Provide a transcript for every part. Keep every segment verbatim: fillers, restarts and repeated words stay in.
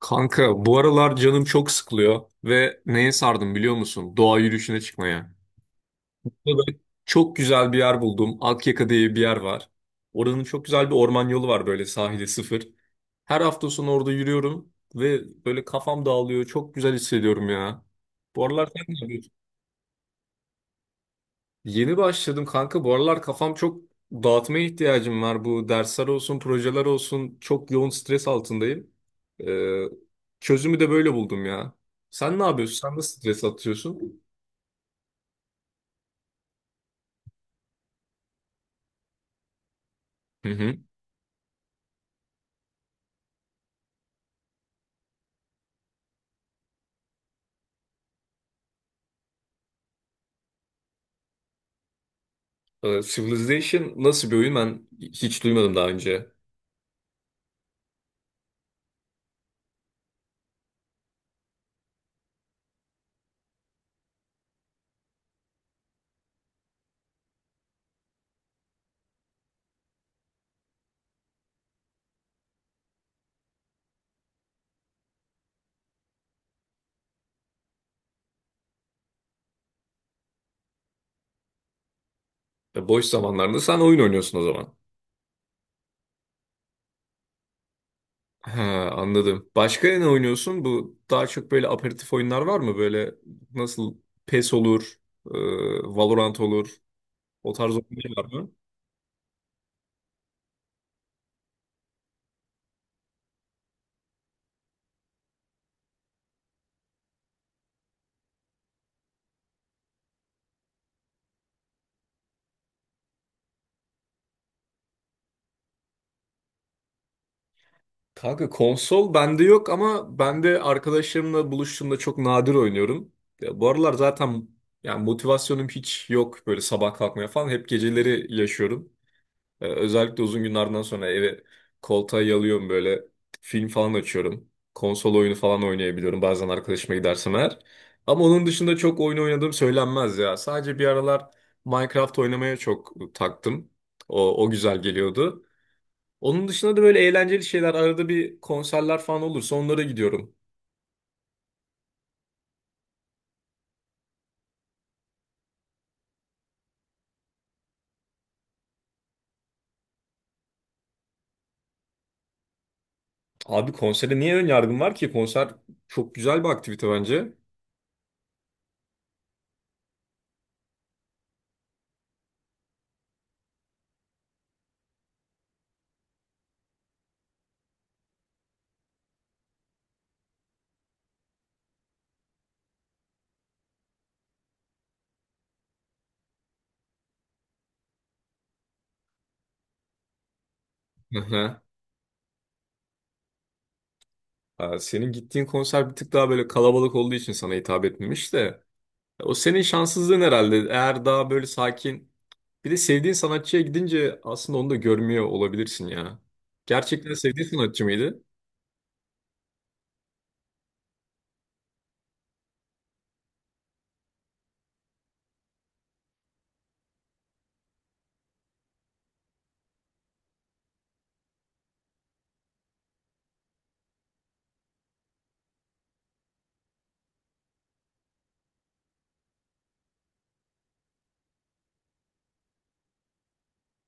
Kanka bu aralar canım çok sıkılıyor ve neye sardım biliyor musun? Doğa yürüyüşüne çıkmaya. Burada çok güzel bir yer buldum. Akyaka diye bir yer var. Oranın çok güzel bir orman yolu var böyle sahile sıfır. Her hafta sonu orada yürüyorum ve böyle kafam dağılıyor. Çok güzel hissediyorum ya. Bu aralar sen ne yapıyorsun? Yeni başladım kanka. Bu aralar kafam çok dağıtmaya ihtiyacım var. Bu dersler olsun, projeler olsun. Çok yoğun stres altındayım. Ee, Çözümü de böyle buldum ya. Sen ne yapıyorsun? Sen nasıl stres atıyorsun? Hı hı. Ee, Civilization nasıl bir oyun? Ben hiç duymadım daha önce. Ee, Boş zamanlarında sen oyun oynuyorsun o zaman. He, anladım. Başka ne oynuyorsun? Bu daha çok böyle aperatif oyunlar var mı? Böyle nasıl PES olur, e, Valorant olur. O tarz oyunlar var mı? Kanka konsol bende yok ama ben de arkadaşlarımla buluştuğumda çok nadir oynuyorum. Ya bu aralar zaten yani motivasyonum hiç yok böyle sabah kalkmaya falan. Hep geceleri yaşıyorum. Ee, özellikle uzun günlerden sonra eve koltuğa yalıyorum böyle film falan açıyorum. Konsol oyunu falan oynayabiliyorum bazen arkadaşıma gidersem eğer. Ama onun dışında çok oyun oynadığım söylenmez ya. Sadece bir aralar Minecraft oynamaya çok taktım. O, o güzel geliyordu. Onun dışında da böyle eğlenceli şeyler arada bir konserler falan olursa onlara gidiyorum. Abi konsere niye ön yargım var ki? Konser çok güzel bir aktivite bence. Hı hı. Ha, senin gittiğin konser bir tık daha böyle kalabalık olduğu için sana hitap etmemiş de. O senin şanssızlığın herhalde. Eğer daha böyle sakin bir de sevdiğin sanatçıya gidince aslında onu da görmüyor olabilirsin ya. Gerçekten sevdiğin sanatçı mıydı?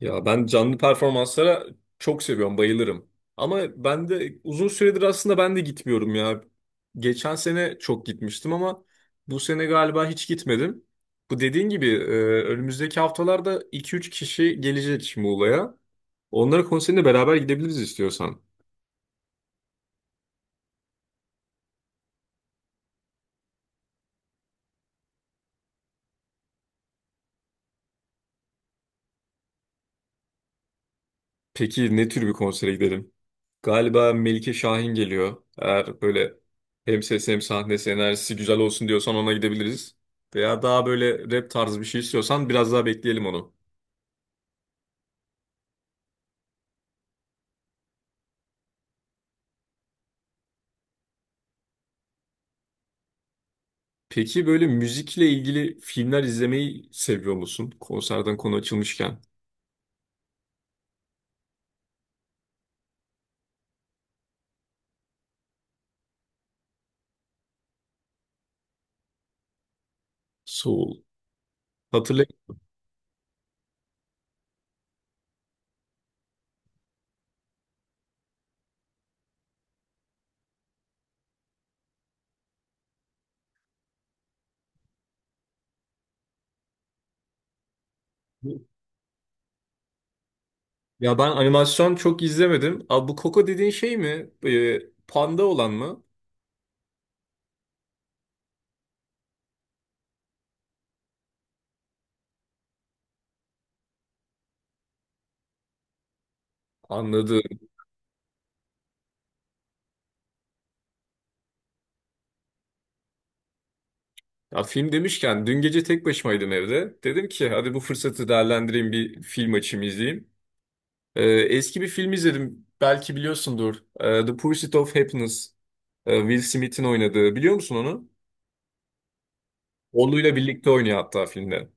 Ya ben canlı performanslara çok seviyorum, bayılırım. Ama ben de uzun süredir aslında ben de gitmiyorum ya. Geçen sene çok gitmiştim ama bu sene galiba hiç gitmedim. Bu dediğin gibi e, önümüzdeki haftalarda iki üç kişi gelecek Muğla'ya. Onlara konserine beraber gidebiliriz istiyorsan. Peki ne tür bir konsere gidelim? Galiba Melike Şahin geliyor. Eğer böyle hem ses hem sahne enerjisi güzel olsun diyorsan ona gidebiliriz. Veya daha böyle rap tarzı bir şey istiyorsan biraz daha bekleyelim onu. Peki böyle müzikle ilgili filmler izlemeyi seviyor musun? Konserden konu açılmışken. Soul. Hatırlayın. Ya ben animasyon çok izlemedim. Abi bu Coco dediğin şey mi? Ee, panda olan mı? Anladım. Ya film demişken dün gece tek başımaydım evde. Dedim ki hadi bu fırsatı değerlendireyim bir film açayım izleyeyim. Ee, eski bir film izledim. Belki biliyorsundur. Ee, The Pursuit of Happiness. Ee, Will Smith'in oynadığı. Biliyor musun onu? Oğluyla birlikte oynuyor hatta filmde.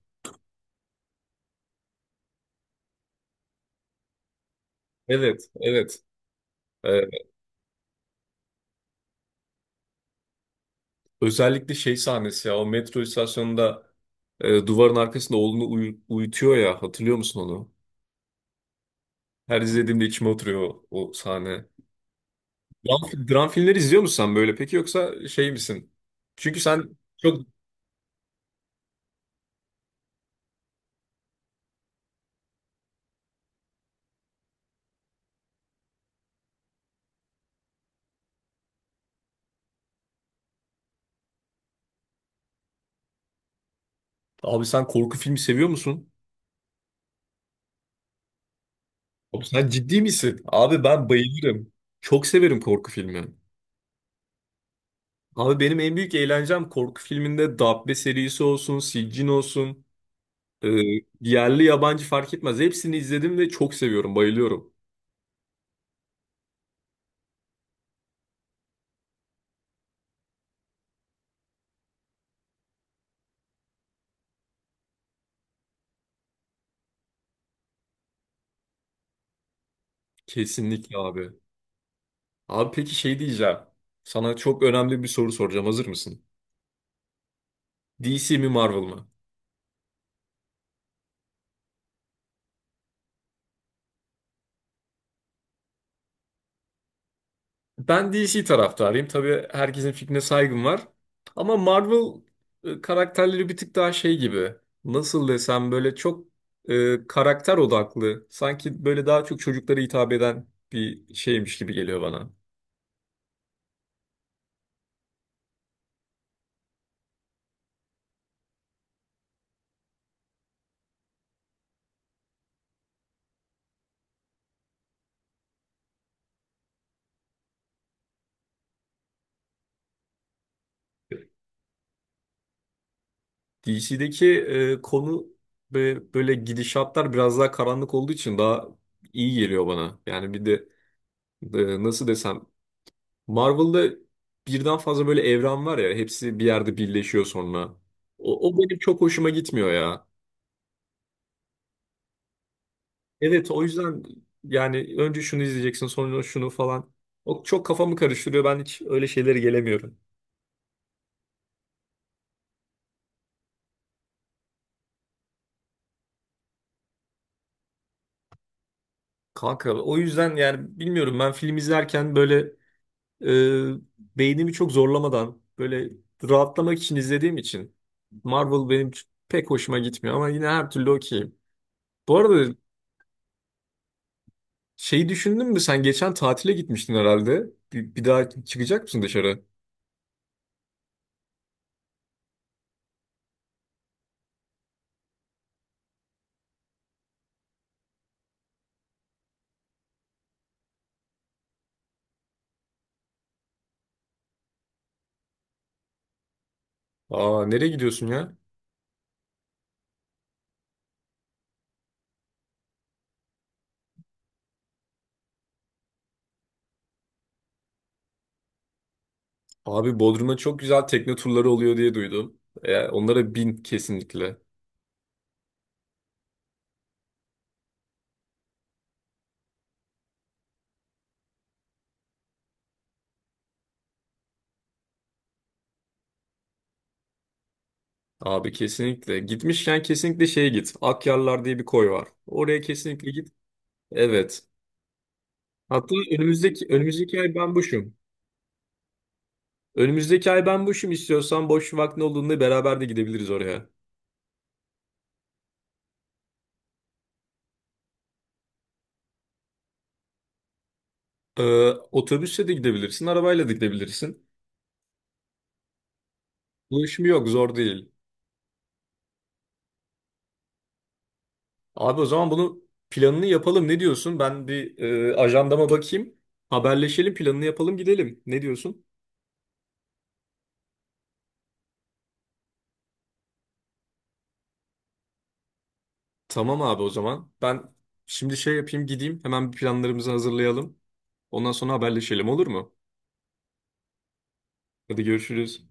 Evet, evet. Ee, Özellikle şey sahnesi ya. O metro istasyonunda e, duvarın arkasında oğlunu uyu- uyutuyor ya. Hatırlıyor musun onu? Her izlediğimde içime oturuyor o, o sahne. Dram, dram filmleri izliyor musun sen böyle? Peki yoksa şey misin? Çünkü sen çok... Abi sen korku filmi seviyor musun? Oğlum sen ciddi misin? Abi ben bayılırım. Çok severim korku filmi. Abi benim en büyük eğlencem korku filminde Dabbe serisi olsun, Siccin olsun, e, yerli yabancı fark etmez. Hepsini izledim ve çok seviyorum, bayılıyorum. Kesinlikle abi. Abi peki şey diyeceğim. Sana çok önemli bir soru soracağım. Hazır mısın? D C mi Marvel mı? Ben D C taraftarıyım. Tabii herkesin fikrine saygım var. Ama Marvel e, karakterleri bir tık daha şey gibi. Nasıl desem böyle çok e, karakter odaklı. Sanki böyle daha çok çocuklara hitap eden bir şeymiş gibi geliyor bana. D C'deki e, konu ve böyle gidişatlar biraz daha karanlık olduğu için daha iyi geliyor bana. Yani bir de e, nasıl desem Marvel'da birden fazla böyle evren var ya hepsi bir yerde birleşiyor sonra. O, o benim çok hoşuma gitmiyor ya. Evet o yüzden yani önce şunu izleyeceksin sonra şunu falan. O çok kafamı karıştırıyor ben hiç öyle şeylere gelemiyorum. Kanka o yüzden yani bilmiyorum ben film izlerken böyle e, beynimi çok zorlamadan böyle rahatlamak için izlediğim için Marvel benim ç- pek hoşuma gitmiyor ama yine her türlü okeyim. Bu arada şeyi düşündün mü? Sen geçen tatile gitmiştin herhalde. Bir, bir daha çıkacak mısın dışarı? Aa nereye gidiyorsun ya? Abi Bodrum'a çok güzel tekne turları oluyor diye duydum. E, onlara bin kesinlikle. Abi kesinlikle. Gitmişken kesinlikle şeye git. Akyarlar diye bir koy var. Oraya kesinlikle git. Evet. Hatta önümüzdeki önümüzdeki ay ben boşum. Önümüzdeki ay ben boşum istiyorsan boş vaktin olduğunda beraber de gidebiliriz oraya. Ee, Otobüsle de gidebilirsin, arabayla da gidebilirsin. Ulaşım yok, zor değil. Abi o zaman bunu planını yapalım. Ne diyorsun? Ben bir e, ajandama bakayım. Haberleşelim, planını yapalım, gidelim. Ne diyorsun? Tamam abi o zaman. Ben şimdi şey yapayım, gideyim. Hemen bir planlarımızı hazırlayalım. Ondan sonra haberleşelim olur mu? Hadi görüşürüz.